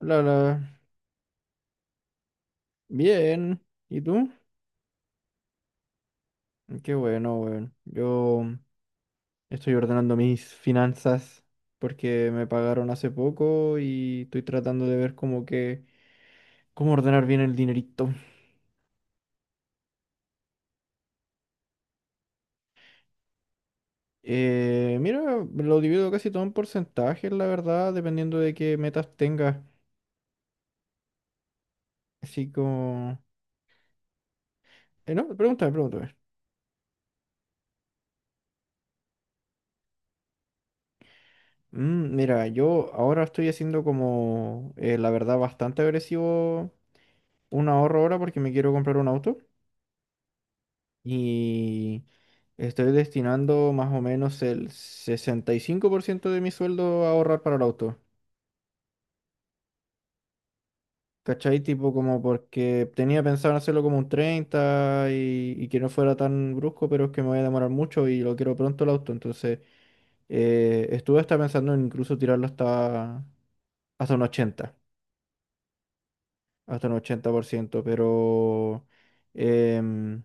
Hola. Bien. ¿Y tú? Qué bueno, weón. Yo estoy ordenando mis finanzas porque me pagaron hace poco y estoy tratando de ver cómo que, cómo ordenar bien el dinerito. Mira, lo divido casi todo en porcentajes, la verdad, dependiendo de qué metas tengas. Así como... no, pregúntame, pregúntame. Mira, yo ahora estoy haciendo como, la verdad, bastante agresivo un ahorro ahora porque me quiero comprar un auto. Y estoy destinando más o menos el 65% de mi sueldo a ahorrar para el auto. ¿Cachai? Tipo como porque tenía pensado en hacerlo como un 30 y que no fuera tan brusco, pero es que me voy a demorar mucho y lo quiero pronto el auto. Entonces estuve hasta pensando en incluso tirarlo hasta un ochenta, hasta un 80% pero... em,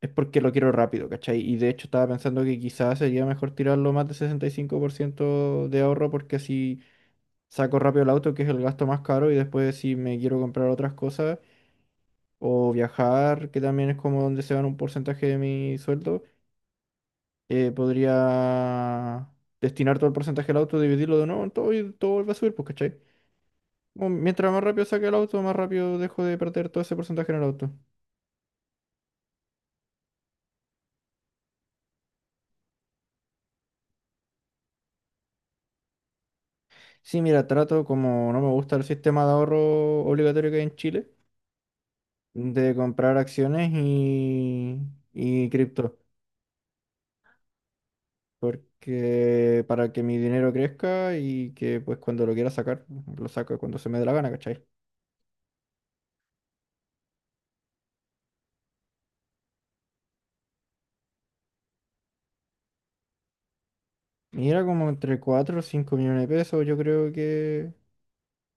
es porque lo quiero rápido, ¿cachai? Y de hecho estaba pensando que quizás sería mejor tirarlo más de 65% de ahorro porque así saco rápido el auto, que es el gasto más caro, y después si me quiero comprar otras cosas o viajar, que también es como donde se van un porcentaje de mi sueldo, podría destinar todo el porcentaje al auto, dividirlo de nuevo en todo y todo vuelve a subir, pues, ¿cachai? Como mientras más rápido saque el auto, más rápido dejo de perder todo ese porcentaje en el auto. Sí, mira, trato como no me gusta el sistema de ahorro obligatorio que hay en Chile. De comprar acciones y cripto, porque para que mi dinero crezca y que pues cuando lo quiera sacar, lo saco cuando se me dé la gana, ¿cachai? Y era como entre cuatro o 5 millones de pesos, yo creo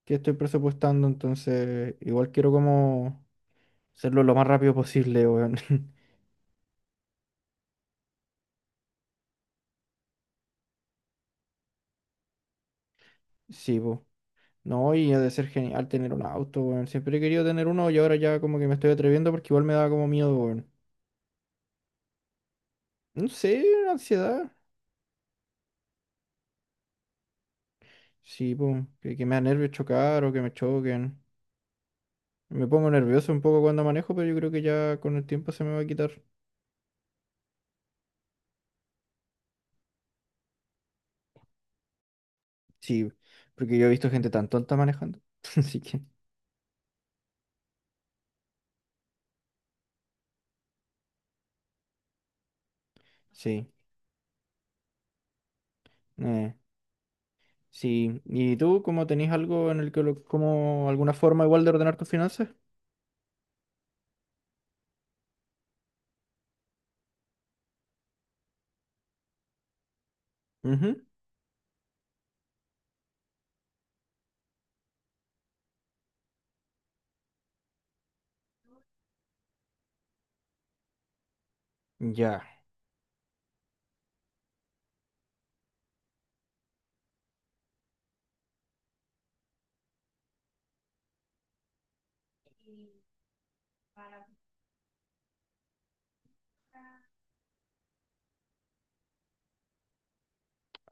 que estoy presupuestando, entonces igual quiero como hacerlo lo más rápido posible, weón. Sí, po. No, y ha de ser genial tener un auto, weón. Siempre he querido tener uno y ahora ya como que me estoy atreviendo porque igual me da como miedo, weón. No sé, ansiedad. Sí, pues, que me da nervios chocar o que me choquen. Me pongo nervioso un poco cuando manejo, pero yo creo que ya con el tiempo se me va a quitar. Sí, porque yo he visto gente tan tonta manejando. Así que, sí. eh, sí. ¿Y tú, cómo tenés algo en el que, como alguna forma igual de ordenar tus finanzas? Ujú, ya.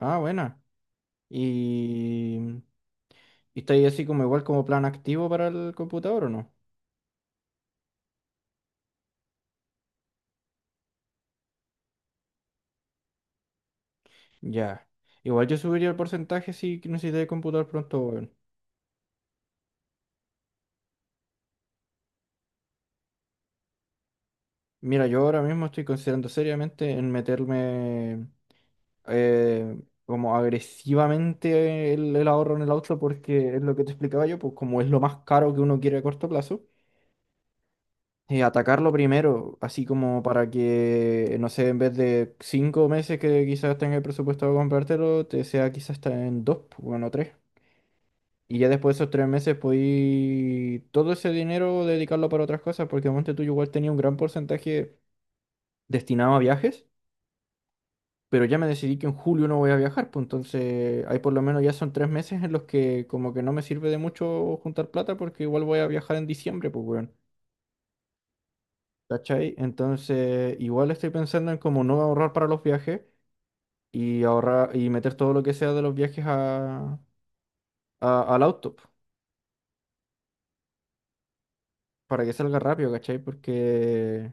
Ah, buena. ¿Y, y estáis así como igual como plan activo para el computador o no? Ya. Igual yo subiría el porcentaje si necesitáis computador pronto, weón. Mira, yo ahora mismo estoy considerando seriamente en meterme eh, como agresivamente el ahorro en el auto porque es lo que te explicaba yo, pues como es lo más caro que uno quiere a corto plazo, atacarlo primero, así como para que, no sé, en vez de cinco meses que quizás tenga el presupuesto de comprártelo, te sea quizás hasta en dos, pues, bueno, tres. Y ya después de esos tres meses podí todo ese dinero dedicarlo para otras cosas porque monte tú yo igual tenía un gran porcentaje destinado a viajes. Pero ya me decidí que en julio no voy a viajar, pues entonces ahí por lo menos ya son tres meses en los que como que no me sirve de mucho juntar plata porque igual voy a viajar en diciembre, pues weón, ¿cachai? Entonces igual estoy pensando en como no ahorrar para los viajes y ahorrar y meter todo lo que sea de los viajes a, al auto, pues, para que salga rápido, ¿cachai? Porque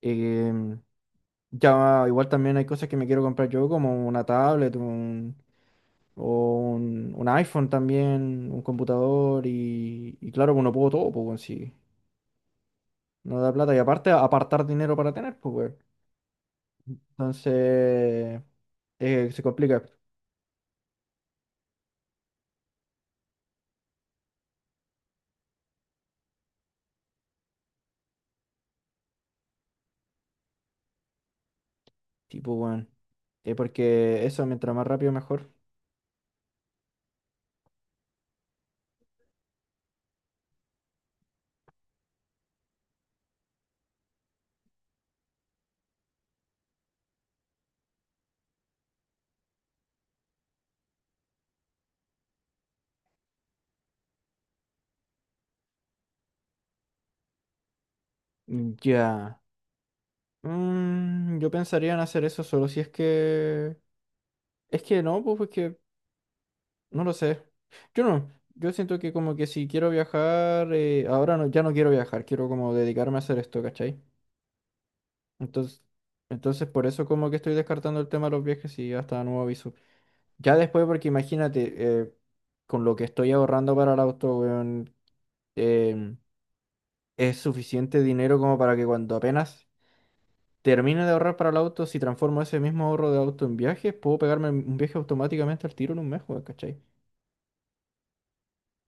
em, ya igual también hay cosas que me quiero comprar yo, como una tablet, un o un iPhone también, un computador y claro, pues uno pudo todo, pues, weón, si no da plata y aparte apartar dinero para tener, pues, weón. Entonces, se complica, tipo, weón. Porque eso, mientras más rápido, mejor. Ya. Mm, yo pensaría en hacer eso solo si es que... Es que no, pues, porque no lo sé. Yo no. Yo siento que como que si quiero viajar, ahora no, ya no quiero viajar, quiero como dedicarme a hacer esto, ¿cachai? Entonces, entonces por eso como que estoy descartando el tema de los viajes y hasta nuevo aviso. Ya después, porque imagínate, eh, con lo que estoy ahorrando para el auto, weón, em, es suficiente dinero como para que cuando apenas termine de ahorrar para el auto, si transformo ese mismo ahorro de auto en viajes, puedo pegarme un viaje automáticamente al tiro en un mes, weón, ¿cachai?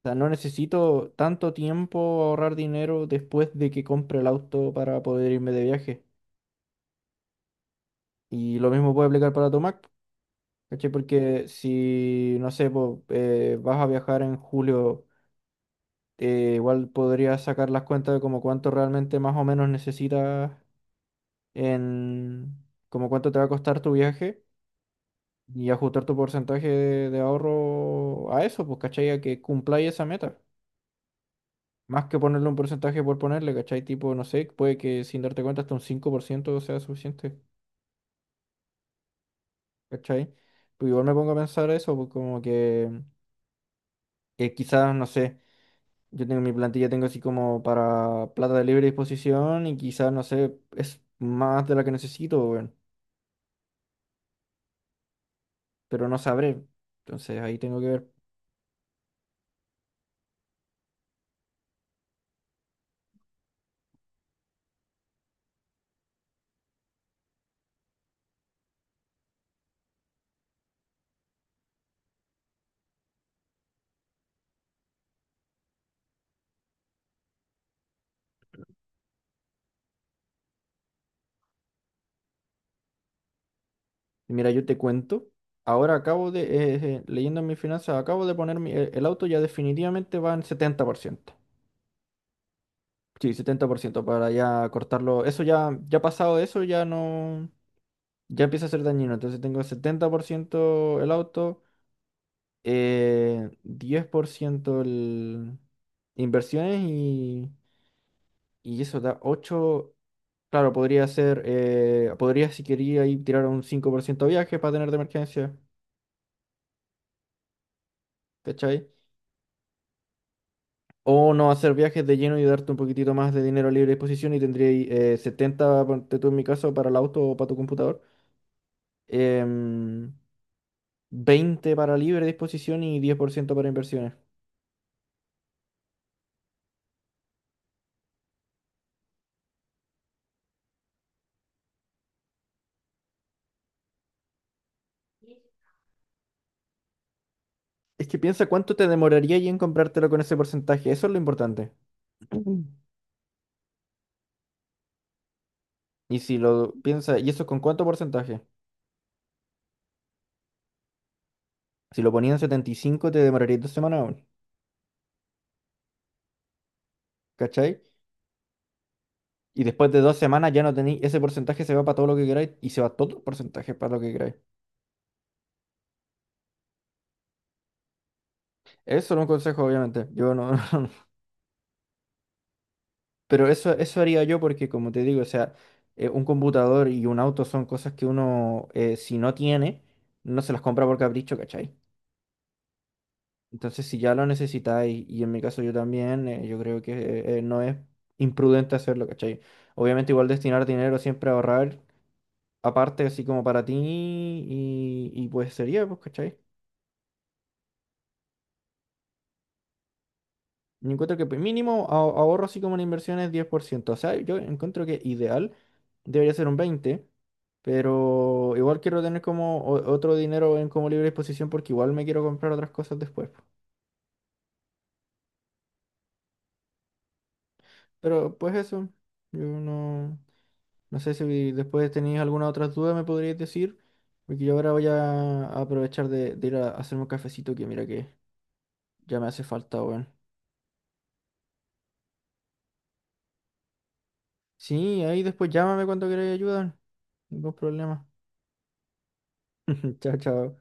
O sea, no necesito tanto tiempo ahorrar dinero después de que compre el auto para poder irme de viaje. Y lo mismo puede aplicar para tu Mac. ¿Cachai? Porque si, no sé, po, vas a viajar en julio, igual podrías sacar las cuentas de como cuánto realmente más o menos necesitas en, como cuánto te va a costar tu viaje y ajustar tu porcentaje de ahorro a eso, pues, ¿cachai? A que cumpláis esa meta. Más que ponerle un porcentaje por ponerle, ¿cachai? Tipo, no sé, puede que sin darte cuenta hasta un 5% sea suficiente, ¿cachai? Pues igual me pongo a pensar eso, pues como que quizás, no sé. Yo tengo mi plantilla, tengo así como para plata de libre disposición y quizás, no sé, es más de la que necesito, weón, pero no sabré. Entonces ahí tengo que ver. Y mira, yo te cuento. Ahora acabo de, leyendo mis finanzas, acabo de poner el auto ya definitivamente va en 70%. Sí, 70% para ya cortarlo. Eso ya, ya pasado de eso, ya no, ya empieza a ser dañino. Entonces tengo 70% el auto, 10% el inversiones. Y y eso da ocho. Claro, podría ser. Podría, si quería, ahí tirar un 5% de viaje para tener de emergencia. ¿Cachai? O no hacer viajes de lleno y darte un poquitito más de dinero a libre disposición y tendría ahí, 70, ponte tú en mi caso, para el auto o para tu computador. em, 20 para libre disposición y 10% para inversiones. Es que piensa cuánto te demoraría ahí en comprártelo con ese porcentaje. Eso es lo importante. Ujú. Y si lo piensa, ¿y eso con cuánto porcentaje? Si lo ponía en 75 te demoraría dos semanas aún. ¿Cachai? Y después de dos semanas ya no tenéis, ese porcentaje se va para todo lo que queráis y se va todo el porcentaje para lo que queráis. Eso no es un consejo, obviamente. Yo no, pero eso haría yo porque, como te digo, o sea, un computador y un auto son cosas que uno, si no tiene, no se las compra por capricho, ¿cachai? Entonces, si ya lo necesitáis, y en mi caso yo también, yo creo que no es imprudente hacerlo, ¿cachai? Obviamente, igual destinar dinero siempre a ahorrar, aparte, así como para ti, y pues sería, pues, ¿cachai? Yo encuentro que pues, mínimo ahorro así como en inversiones 10%. O sea, yo encuentro que ideal debería ser un 20%, pero igual quiero tener como otro dinero en como libre disposición porque igual me quiero comprar otras cosas después, po. Pero pues eso, yo no, no sé si después tenéis alguna otra duda me podríais decir, porque yo ahora voy a aprovechar de ir a hacerme un cafecito que mira que ya me hace falta, weón. Sí, ahí después llámame cuando queráis ayuda, ningún problema. Chao, chao.